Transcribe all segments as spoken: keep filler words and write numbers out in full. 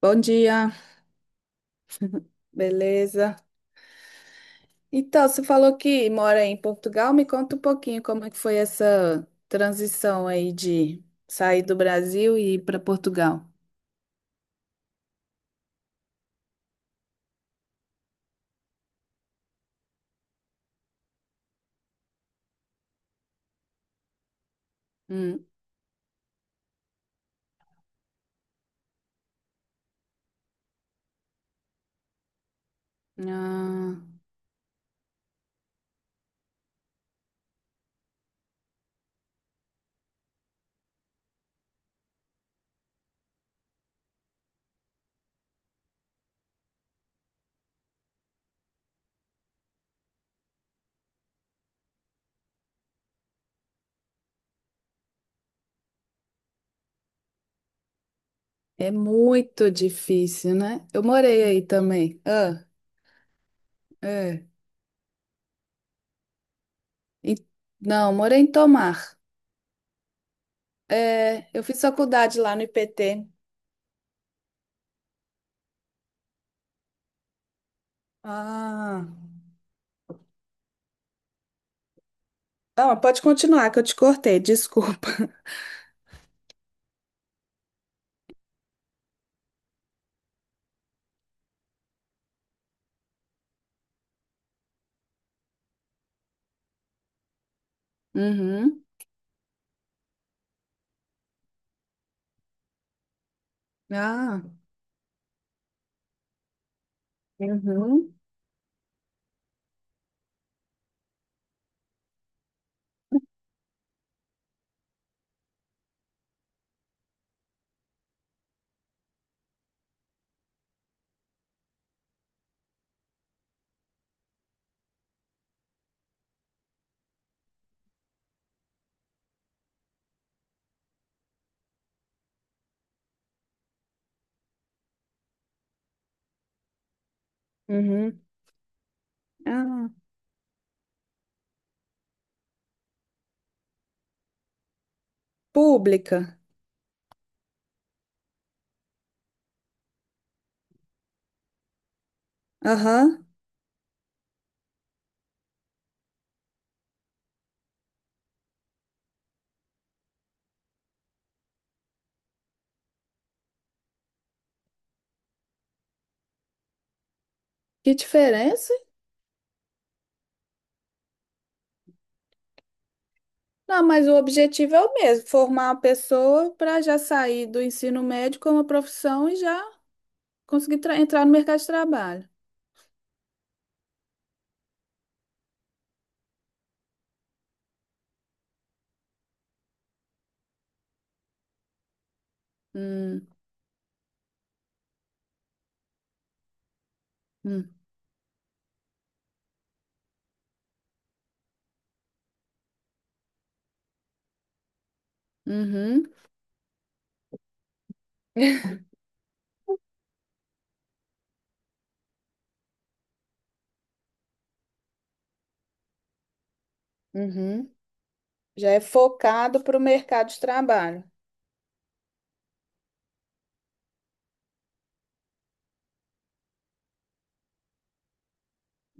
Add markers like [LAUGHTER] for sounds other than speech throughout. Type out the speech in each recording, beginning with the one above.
Bom dia, beleza? Então, você falou que mora em Portugal, me conta um pouquinho como é que foi essa transição aí de sair do Brasil e ir para Portugal. Hum, ah, é muito difícil, né? Eu morei aí também. Ah, é. E- não, morei em Tomar. É, eu fiz faculdade lá no I P T. Ah, não, mas pode continuar que eu te cortei, desculpa. [LAUGHS] Uhum. Ah, uhum, uhum. Ah. Pública. Aham. Que diferença? Não, mas o objetivo é o mesmo, formar uma pessoa para já sair do ensino médio com uma profissão e já conseguir tra- entrar no mercado de trabalho. Hum, hum, uhum, [LAUGHS] uhum. Já é focado para o mercado de trabalho.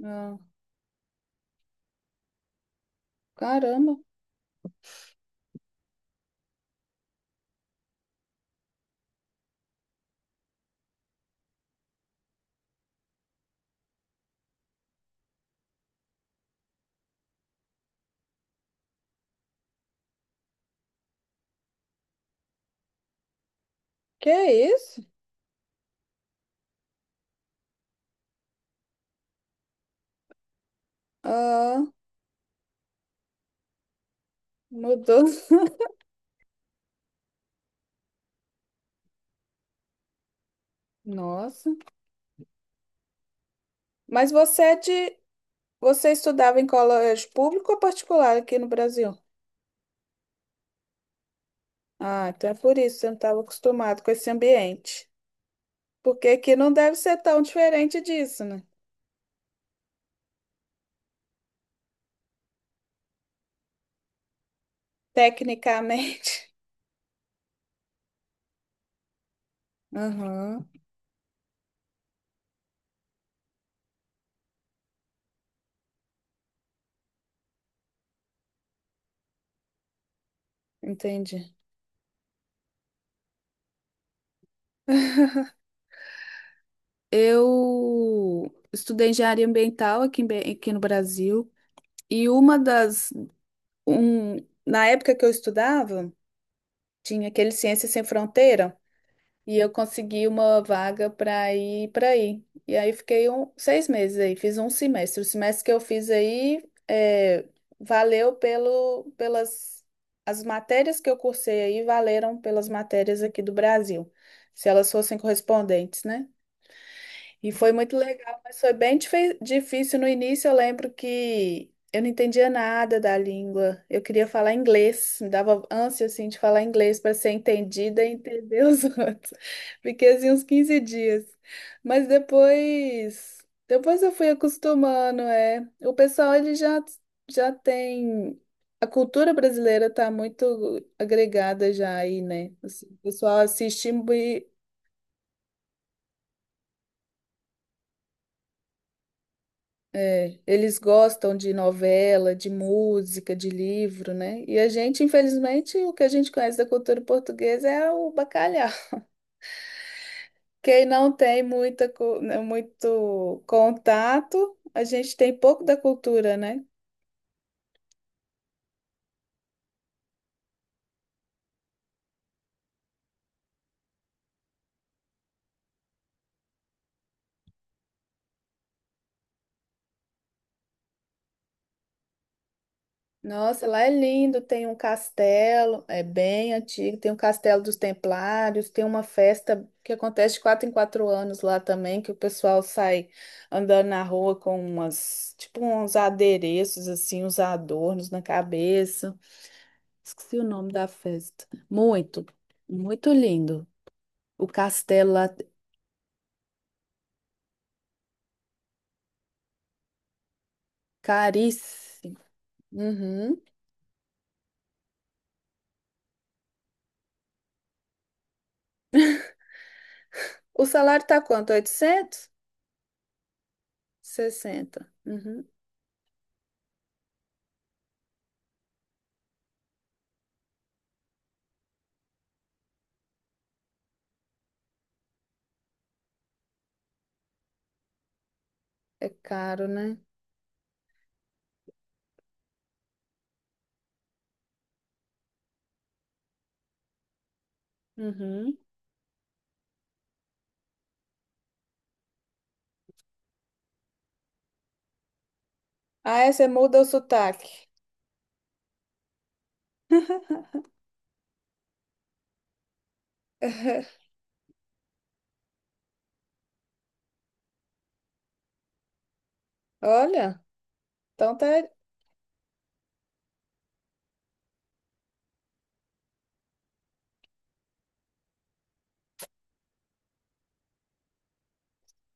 Ah, caramba, que é isso? Ah, mudou. [LAUGHS] Nossa. Mas você é de, você estudava em colégio público ou particular aqui no Brasil? Ah, então é por isso que você não estava acostumado com esse ambiente. Porque aqui não deve ser tão diferente disso, né? Tecnicamente. [LAUGHS] Aham, entendi. Eu estudei engenharia ambiental aqui, em Be- aqui no Brasil. E uma das. Um, na época que eu estudava, tinha aquele Ciências Sem Fronteira. E eu consegui uma vaga para ir para aí. E aí fiquei um, seis meses aí, fiz um semestre. O semestre que eu fiz aí é, valeu pelo, pelas as matérias que eu cursei aí, valeram pelas matérias aqui do Brasil, se elas fossem correspondentes, né? E foi muito legal, mas foi bem dife- difícil no início. Eu lembro que eu não entendia nada da língua. Eu queria falar inglês, me dava ânsia assim de falar inglês para ser entendida e entender os [LAUGHS] outros. Fiquei assim uns quinze dias. Mas depois, depois eu fui acostumando, é. O pessoal ele já já tem a cultura brasileira tá muito agregada já aí, né? Assim, o pessoal assiste. É, eles gostam de novela, de música, de livro, né? E a gente, infelizmente, o que a gente conhece da cultura portuguesa é o bacalhau. [LAUGHS] Quem não tem muita, co- né, muito contato, a gente tem pouco da cultura, né? Nossa, lá é lindo, tem um castelo, é bem antigo, tem um castelo dos Templários, tem uma festa que acontece de quatro em quatro anos lá também, que o pessoal sai andando na rua com umas, tipo uns adereços assim, uns adornos na cabeça. Esqueci o nome da festa. Muito, muito lindo. O castelo lá, caríssimo. Uhum. O salário tá quanto? oitocentos e sessenta? Uhum. É caro, né? Uhum. Ah, é, você muda o sotaque. Olha, então tá,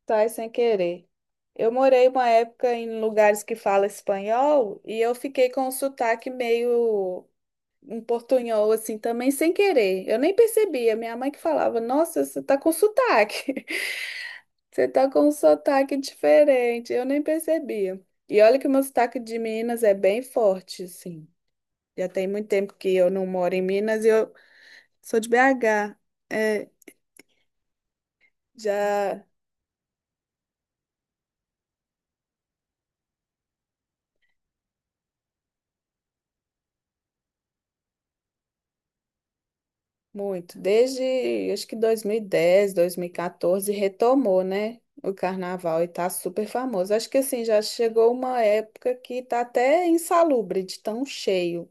tá sem querer. Eu morei uma época em lugares que fala espanhol e eu fiquei com o sotaque meio um portunhol, assim, também sem querer. Eu nem percebia. Minha mãe que falava, nossa, você tá com sotaque. [LAUGHS] Você tá com um sotaque diferente. Eu nem percebia. E olha que o meu sotaque de Minas é bem forte, assim. Já tem muito tempo que eu não moro em Minas e eu sou de B H. É, já muito. Desde, acho que dois mil e dez, dois mil e quatorze, retomou, né? O carnaval e tá super famoso. Acho que assim, já chegou uma época que tá até insalubre de tão cheio.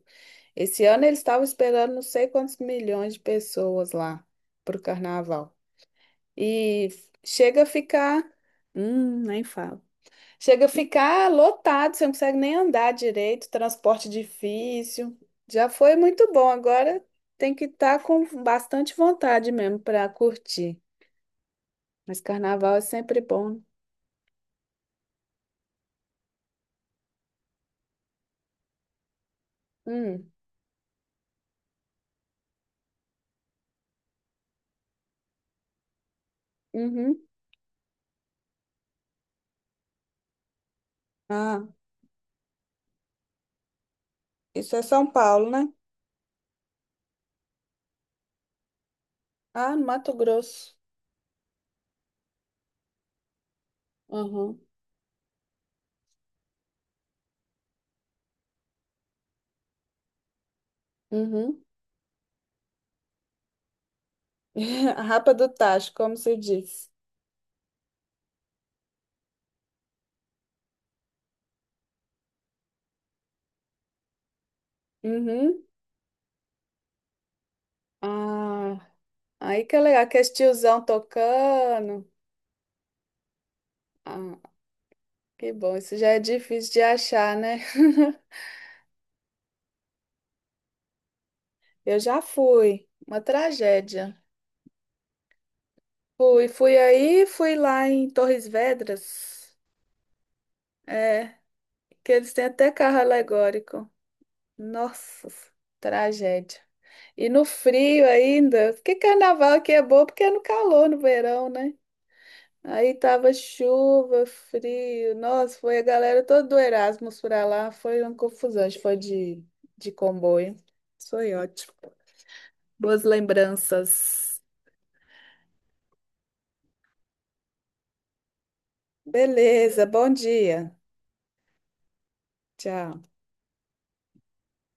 Esse ano eles estavam esperando não sei quantos milhões de pessoas lá pro carnaval. E chega a ficar, hum, nem fala. Chega a ficar lotado, você não consegue nem andar direito, transporte difícil. Já foi muito bom, agora tem que estar com bastante vontade mesmo para curtir. Mas carnaval é sempre bom. Hum, uhum. Ah, isso é São Paulo, né? Ah, no Mato Grosso. Uhum, uhum. [LAUGHS] A Rapa do Tacho, como se diz. Uhum. Ah, aí que é legal, que é esse tiozão tocando. Ah, que bom, isso já é difícil de achar, né? [LAUGHS] Eu já fui, uma tragédia. Fui, fui aí, fui lá em Torres Vedras, é, que eles têm até carro alegórico. Nossa, tragédia. E no frio ainda, porque carnaval aqui é bom porque é no calor, no verão, né? Aí tava chuva, frio. Nossa, foi a galera toda do Erasmus pra lá. Foi uma confusão. A gente foi de, de comboio. Foi ótimo. Boas lembranças. Beleza, bom dia. Tchau.